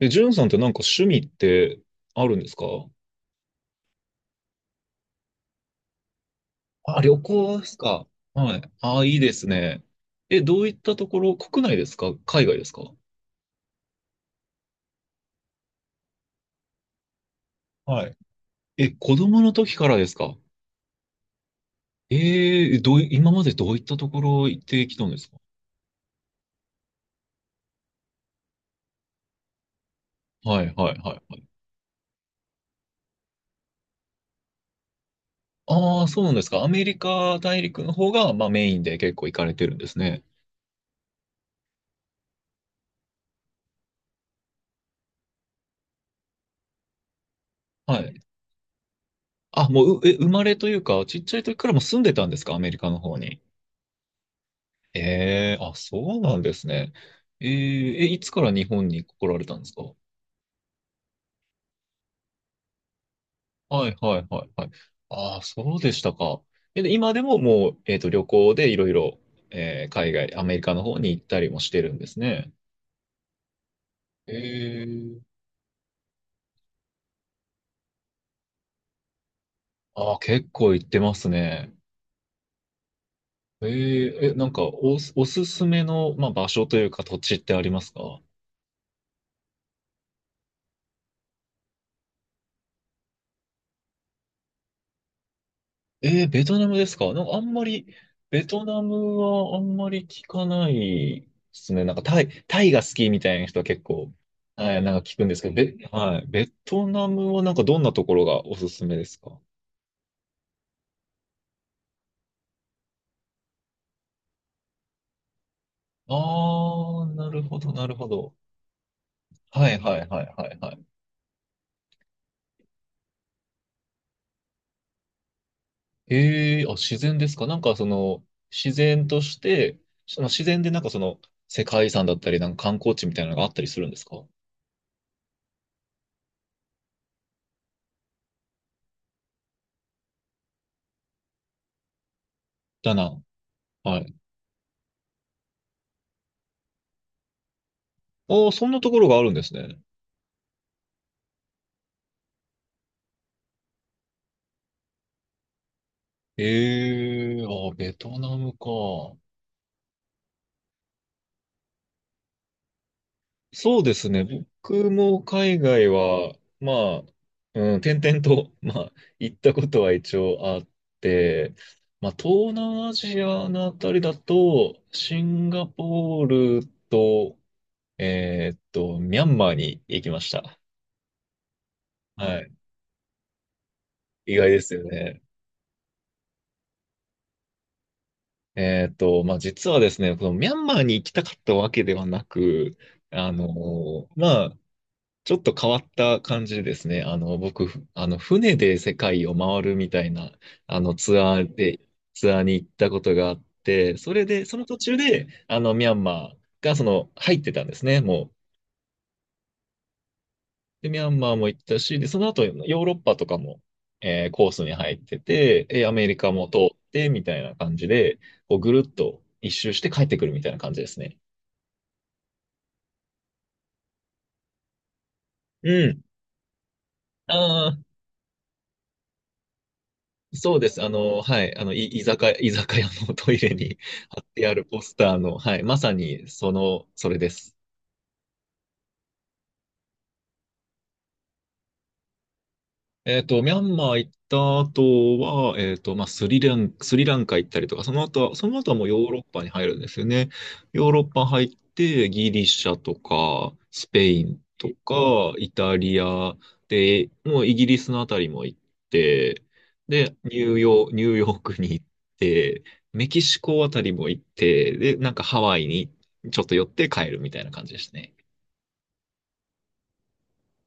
ジュンさんってなんか趣味ってあるんですか？あ、旅行ですか。はい。ああ、いいですね。どういったところ、国内ですか海外ですか？はい。子供の時からですか？えー、どうい、今までどういったところ行ってきたんですか？はい、はい、はい、はい。ああ、そうなんですか。アメリカ大陸の方が、まあ、メインで結構行かれてるんですね。はい。あ、もう、生まれというか、ちっちゃい時からもう住んでたんですかアメリカの方に？ええ、そうなんですね。えーえ、いつから日本に来られたんですか？はいはいはいはい。ああ、そうでしたか。で今でももう、旅行でいろいろ、海外、アメリカの方に行ったりもしてるんですね。ええ、結構行ってますね。えええ、なんかおすすめの、まあ、場所というか土地ってありますか？ベトナムですか？なんかあんまり、ベトナムはあんまり聞かないですね。なんかタイが好きみたいな人は結構、はい、なんか聞くんですけど、はい、ベトナムはなんかどんなところがおすすめですか？あー、なるほど、なるほど。はい、はい、はい、はい、はい。自然ですか？なんかその、自然として、その自然でなんかその、世界遺産だったり、なんか観光地みたいなのがあったりするんですか？だな。はい。あー、そんなところがあるんですね。ええ、ベトナムか。そうですね。僕も海外は、まあ、うん、転々と、まあ、行ったことは一応あって、まあ、東南アジアのあたりだと、シンガポールと、ミャンマーに行きました。はい。意外ですよね。まあ、実はですね、このミャンマーに行きたかったわけではなく、まあ、ちょっと変わった感じですね。あの、僕、ふあの、船で世界を回るみたいな、あの、ツアーに行ったことがあって、それで、その途中で、あの、ミャンマーが、その、入ってたんですね、もう。で、ミャンマーも行ったし、で、その後、ヨーロッパとかも、コースに入ってて、アメリカも通って、みたいな感じで、こう、ぐるっと一周して帰ってくるみたいな感じですね。うん。ああ、そうです。あの、はい。あの、い、居酒屋、居酒屋のトイレに貼ってあるポスターの、はい。まさに、その、それです。ミャンマー行った後は、まあ、スリランカ行ったりとか、その後はもうヨーロッパに入るんですよね。ヨーロッパ入って、ギリシャとか、スペインとか、イタリアで、もうイギリスのあたりも行って、で、ニューヨークに行って、メキシコあたりも行って、で、なんかハワイにちょっと寄って帰るみたいな感じですね。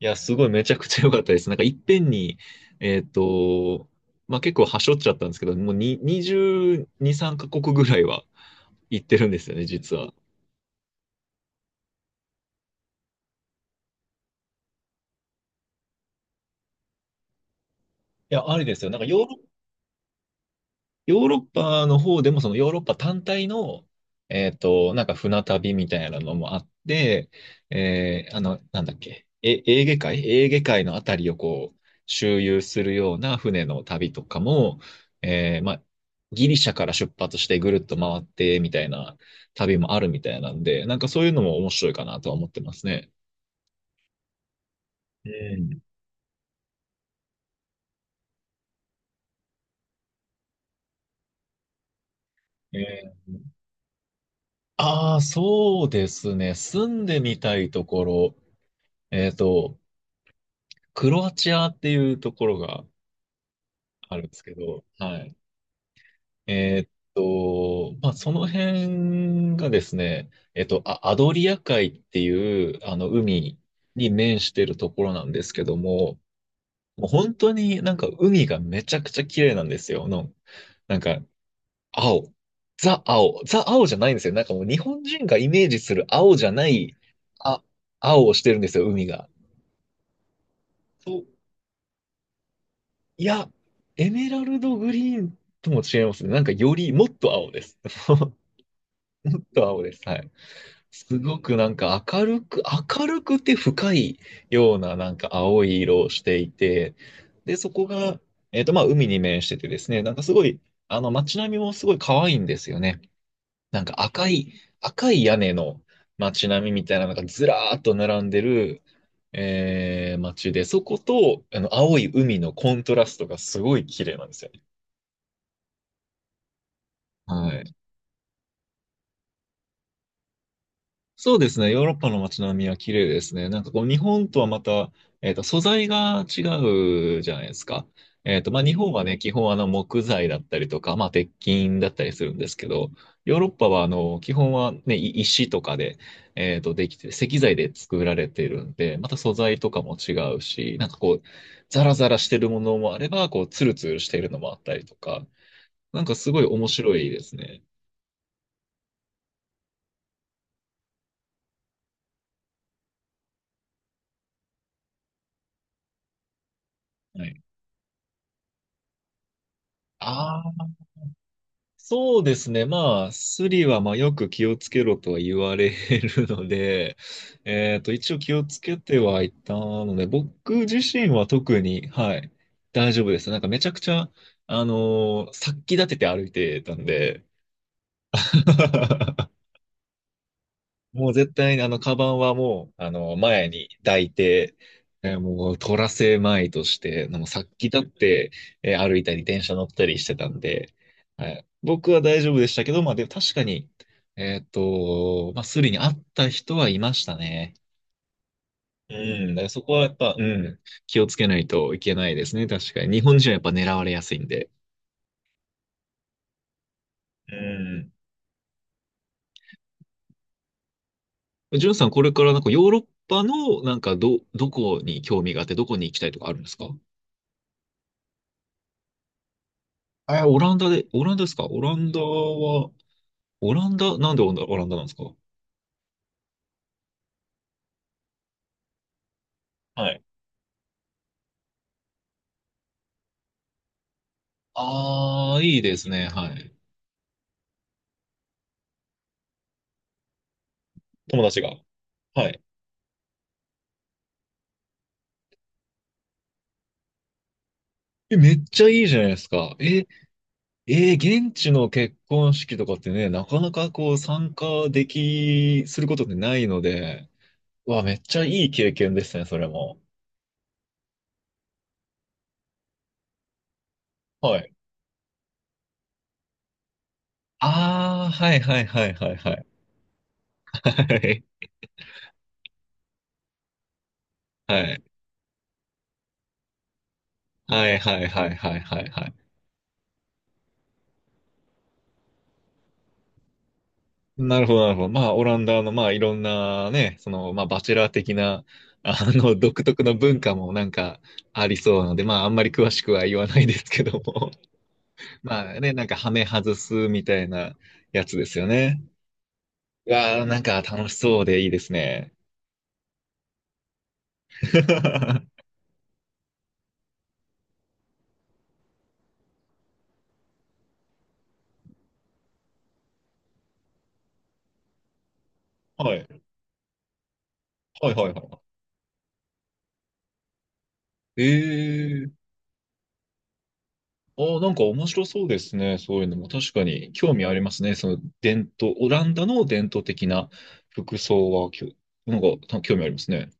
いや、すごいめちゃくちゃ良かったです。なんかいっぺんに、えっと、まあ結構はしょっちゃったんですけど、もうに22、3カ国ぐらいは行ってるんですよね、実は。いや、ありですよ。なんかヨーロッパの方でも、そのヨーロッパ単体の、なんか船旅みたいなのもあって、あの、なんだっけ、エーゲ海のあたりをこう、周遊するような船の旅とかも、まあ、ギリシャから出発してぐるっと回ってみたいな旅もあるみたいなんで、なんかそういうのも面白いかなとは思ってますね。うんえー、ああ、そうですね。住んでみたいところ。えっと、クロアチアっていうところがあるんですけど、はい。えーっまあ、その辺がですね、アドリア海っていう、あの、海に面してるところなんですけども、もう本当になんか海がめちゃくちゃ綺麗なんですよ。の、なんか、青。ザ青。ザ青じゃないんですよ。なんかもう日本人がイメージする青じゃない、あ、青をしてるんですよ、海が。そういや、エメラルドグリーンとも違いますね。なんかより、もっと青です。もっと青です。はい。すごくなんか明るくて深いようななんか青い色をしていて、で、そこが、まあ、海に面しててですね、なんかすごい、あの、街並みもすごい可愛いんですよね。なんか赤い屋根の街並みみたいなのがずらーっと並んでる、街で、そこと、あの、青い海のコントラストがすごい綺麗なんですよ。はい。そうですね。ヨーロッパの街並みは綺麗ですね。なんかこう、日本とはまた、素材が違うじゃないですか。まあ、日本はね、基本あの、木材だったりとか、まあ、鉄筋だったりするんですけど、ヨーロッパはあの、基本はね、い石とかで、できて、石材で作られているんで、また素材とかも違うし、なんかこう、ザラザラしてるものもあれば、こう、ツルツルしているのもあったりとか、なんかすごい面白いですね。はい。ああ。そうですね。まあ、スリはまあよく気をつけろとは言われるので、一応気をつけてはいたので、僕自身は特に、はい、大丈夫です。なんかめちゃくちゃ、殺気立てて歩いてたんで、もう絶対にあの、カバンはもう、あの、前に抱いて、もう、取らせまいとして、もうさっき立って、歩いたり、電車乗ったりしてたんで、はい、僕は大丈夫でしたけど、まあ、でも確かに、まあ、スリに会った人はいましたね。うん、だからそこはやっぱ、うん、気をつけないといけないですね、確かに。日本人はやっぱ狙われやすいんで。うん。ジュンさん、これからなんかヨーロッパの、なんかどこに興味があって、どこに行きたいとかあるんですか？え、オランダで、オランダですか？オランダは、オランダ、なんでオランダなんですか？はい。ああ、いいですね。はい。友達が。はい。めっちゃいいじゃないですか。え、えー現地の結婚式とかってね、なかなかこう参加でき、することってないので、うわ、めっちゃいい経験ですね、それも。はい。ああ、はいはいはいはいはい。はい。はいはいはいはいはいはいはい。なるほど、なるほど。まあ、オランダの、まあ、いろんなね、その、まあ、バチェラー的な、あの、独特の文化もなんかありそうなので、まあ、あんまり詳しくは言わないですけども。まあね、なんか、ハメ外すみたいなやつですよね。いやー、なんか楽しそうでいいですね。はい。はいはいはい。ええー、なんか面白そうですね。そういうのも確かに興味ありますね。その伝統、オランダの伝統的な服装はなんかた興味ありますね。